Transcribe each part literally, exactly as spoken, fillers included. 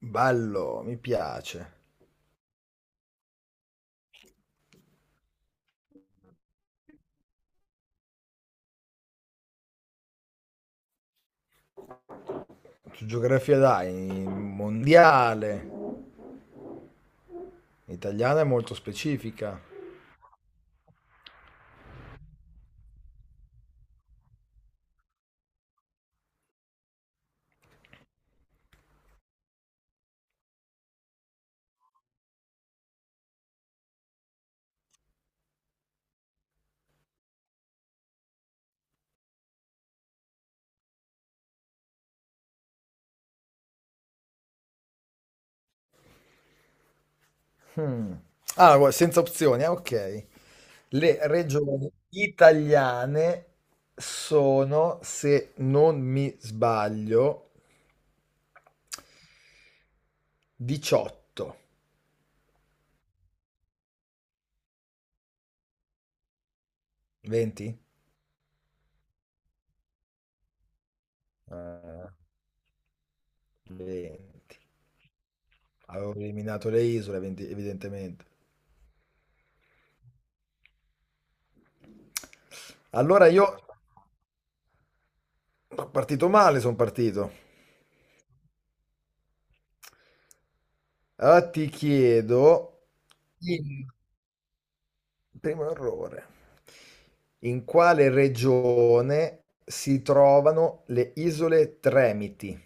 Bello, mi piace. Tu geografia dai, mondiale, italiana è molto specifica. Hmm. Ah, gua- senza opzioni, ah, ok. Le regioni italiane sono, se non mi sbaglio, diciotto. venti? Ah, venti. Avevo eliminato le isole, venti evidentemente. Allora io sono partito male, sono partito. Allora ti chiedo. Dimmi. Primo errore, in quale regione si trovano le Isole Tremiti?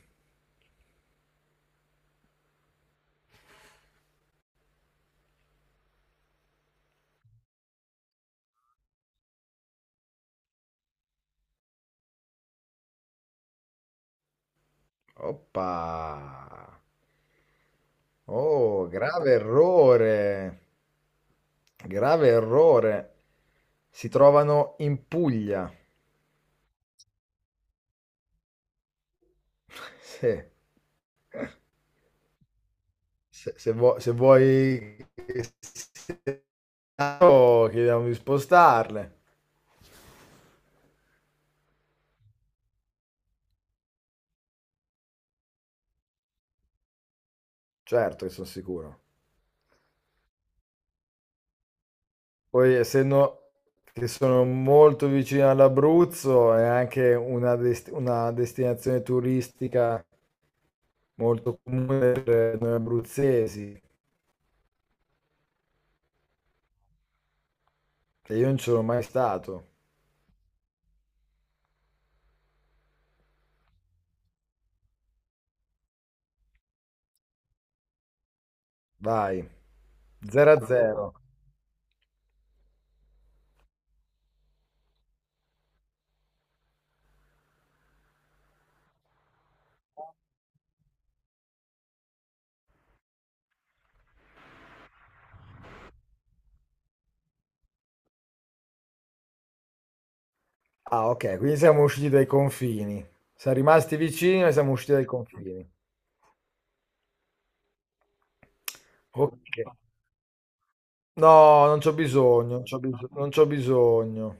Oppa! Oh, grave errore! Grave errore! Si trovano in Puglia. Sì, se, se vuo- se vuoi che sia chiaro, chiediamo di spostarle. Certo che sono sicuro. Poi, essendo che sono molto vicino all'Abruzzo, è anche una, dest- una destinazione turistica molto comune per noi abruzzesi, che io non ci sono mai stato. Vai, zero a zero. Ah, ok, quindi siamo usciti dai confini. Siamo rimasti vicini, ma siamo usciti dai confini. Ok. No, non c'ho bisogno, non c'ho bisogno, non c'ho bisogno.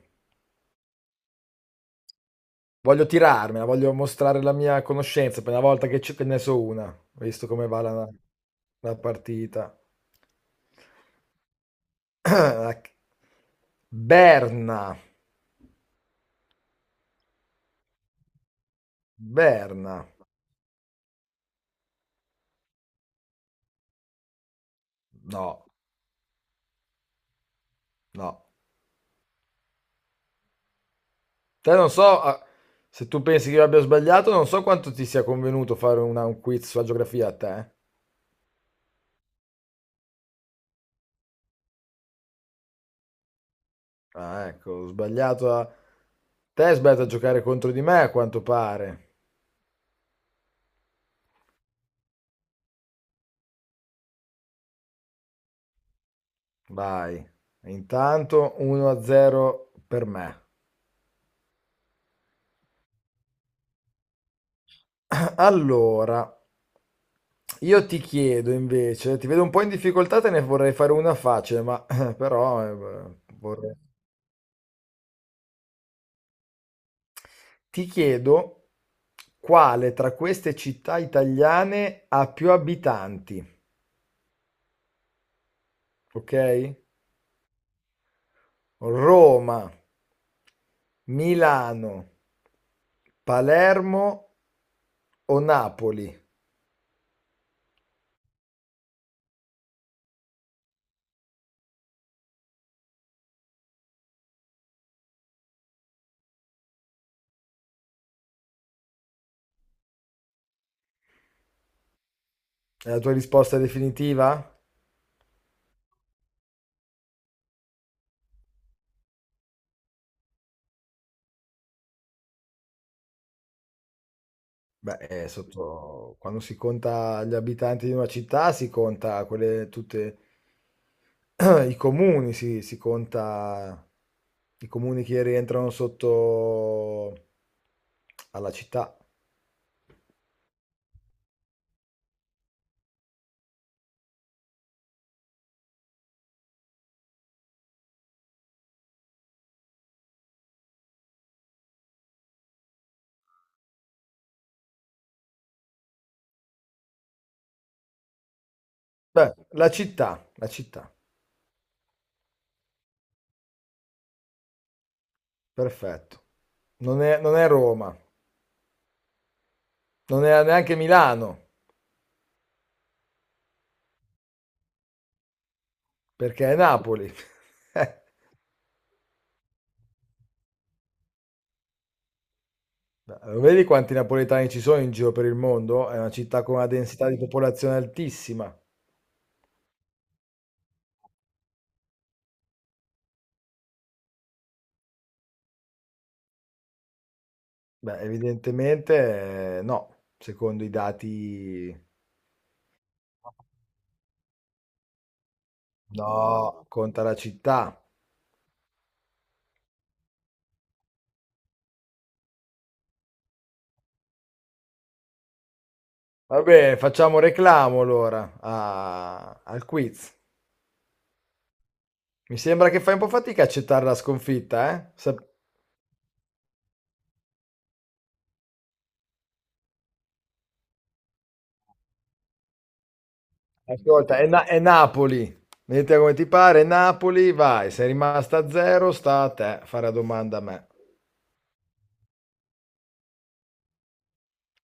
Voglio tirarmela, voglio mostrare la mia conoscenza per una volta che, ci- che ne so una, visto come va la, la partita. Berna, Berna, no, no. Te non so ah, se tu pensi che io abbia sbagliato, non so quanto ti sia convenuto fare una- un quiz sulla geografia a te. Ah, ecco, ho sbagliato a. Te hai sbagliato a giocare contro di me, a quanto pare. Vai. Intanto uno a zero per me. Allora, io ti chiedo invece, ti vedo un po' in difficoltà, te ne vorrei fare una facile, ma però eh, vorrei. Ti chiedo quale tra queste città italiane ha più abitanti, ok? Roma, Milano, Palermo o Napoli? È la tua risposta definitiva? Beh, eh, sotto quando si conta gli abitanti di una città, si conta quelle tutte i comuni, si, si conta i comuni che rientrano sotto alla città. Beh, la città, la città, perfetto. Non è, non è Roma, non è neanche Milano, perché è Napoli. Lo vedi quanti napoletani ci sono in giro per il mondo? È una città con una densità di popolazione altissima. Beh, evidentemente eh, no, secondo i dati no, conta la città. Va bene, facciamo reclamo allora a- al quiz. Mi sembra che fai un po' fatica a accettare la sconfitta, eh? Sa- Ascolta, è, Na- è Napoli. Vedete come ti pare, Napoli, vai, sei rimasta a zero, sta a te fare la domanda a me.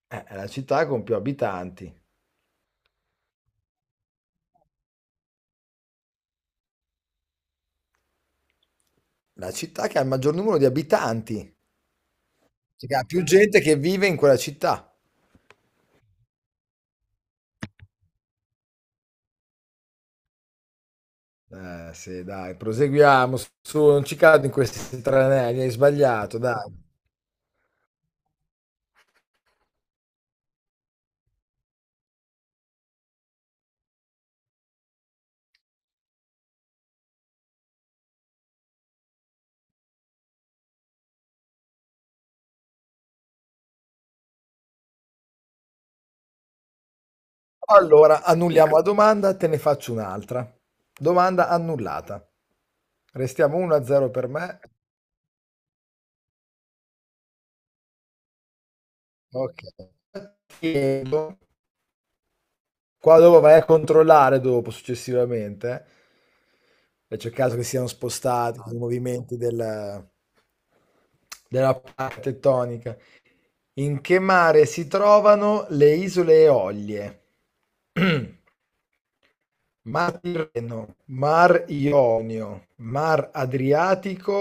Eh, è la città con più abitanti. La città che ha il maggior numero di abitanti, cioè che ha più gente che vive in quella città. Eh, sì, dai, proseguiamo. Su, non ci cado in questi tranelli, hai sbagliato, dai. Allora, annulliamo la domanda, te ne faccio un'altra. Domanda annullata. Restiamo uno a zero per me. Ok. Chiedo- Qua dopo vai a controllare dopo, successivamente, eh. E c'è il caso che siano spostati i movimenti del- della parte tettonica. In che mare si trovano le Isole Eolie? Mar Tirreno, Mar Ionio, Mar Adriatico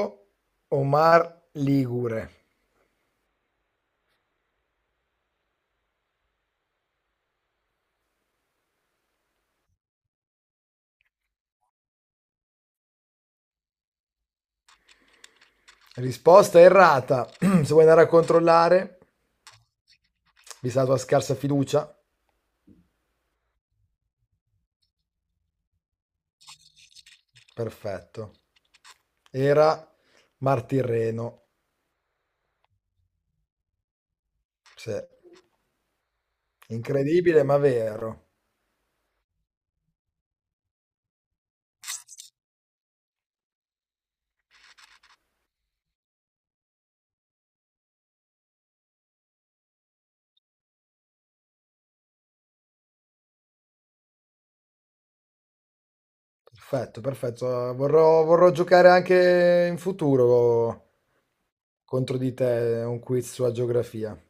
o Mar Ligure? Risposta errata. Se vuoi andare a controllare, vista la tua scarsa fiducia, perfetto. Era Mar Tirreno. Sì. Incredibile, ma vero. Perfetto, perfetto. Vorrò, vorrò giocare anche in futuro contro di te, è un quiz sulla geografia.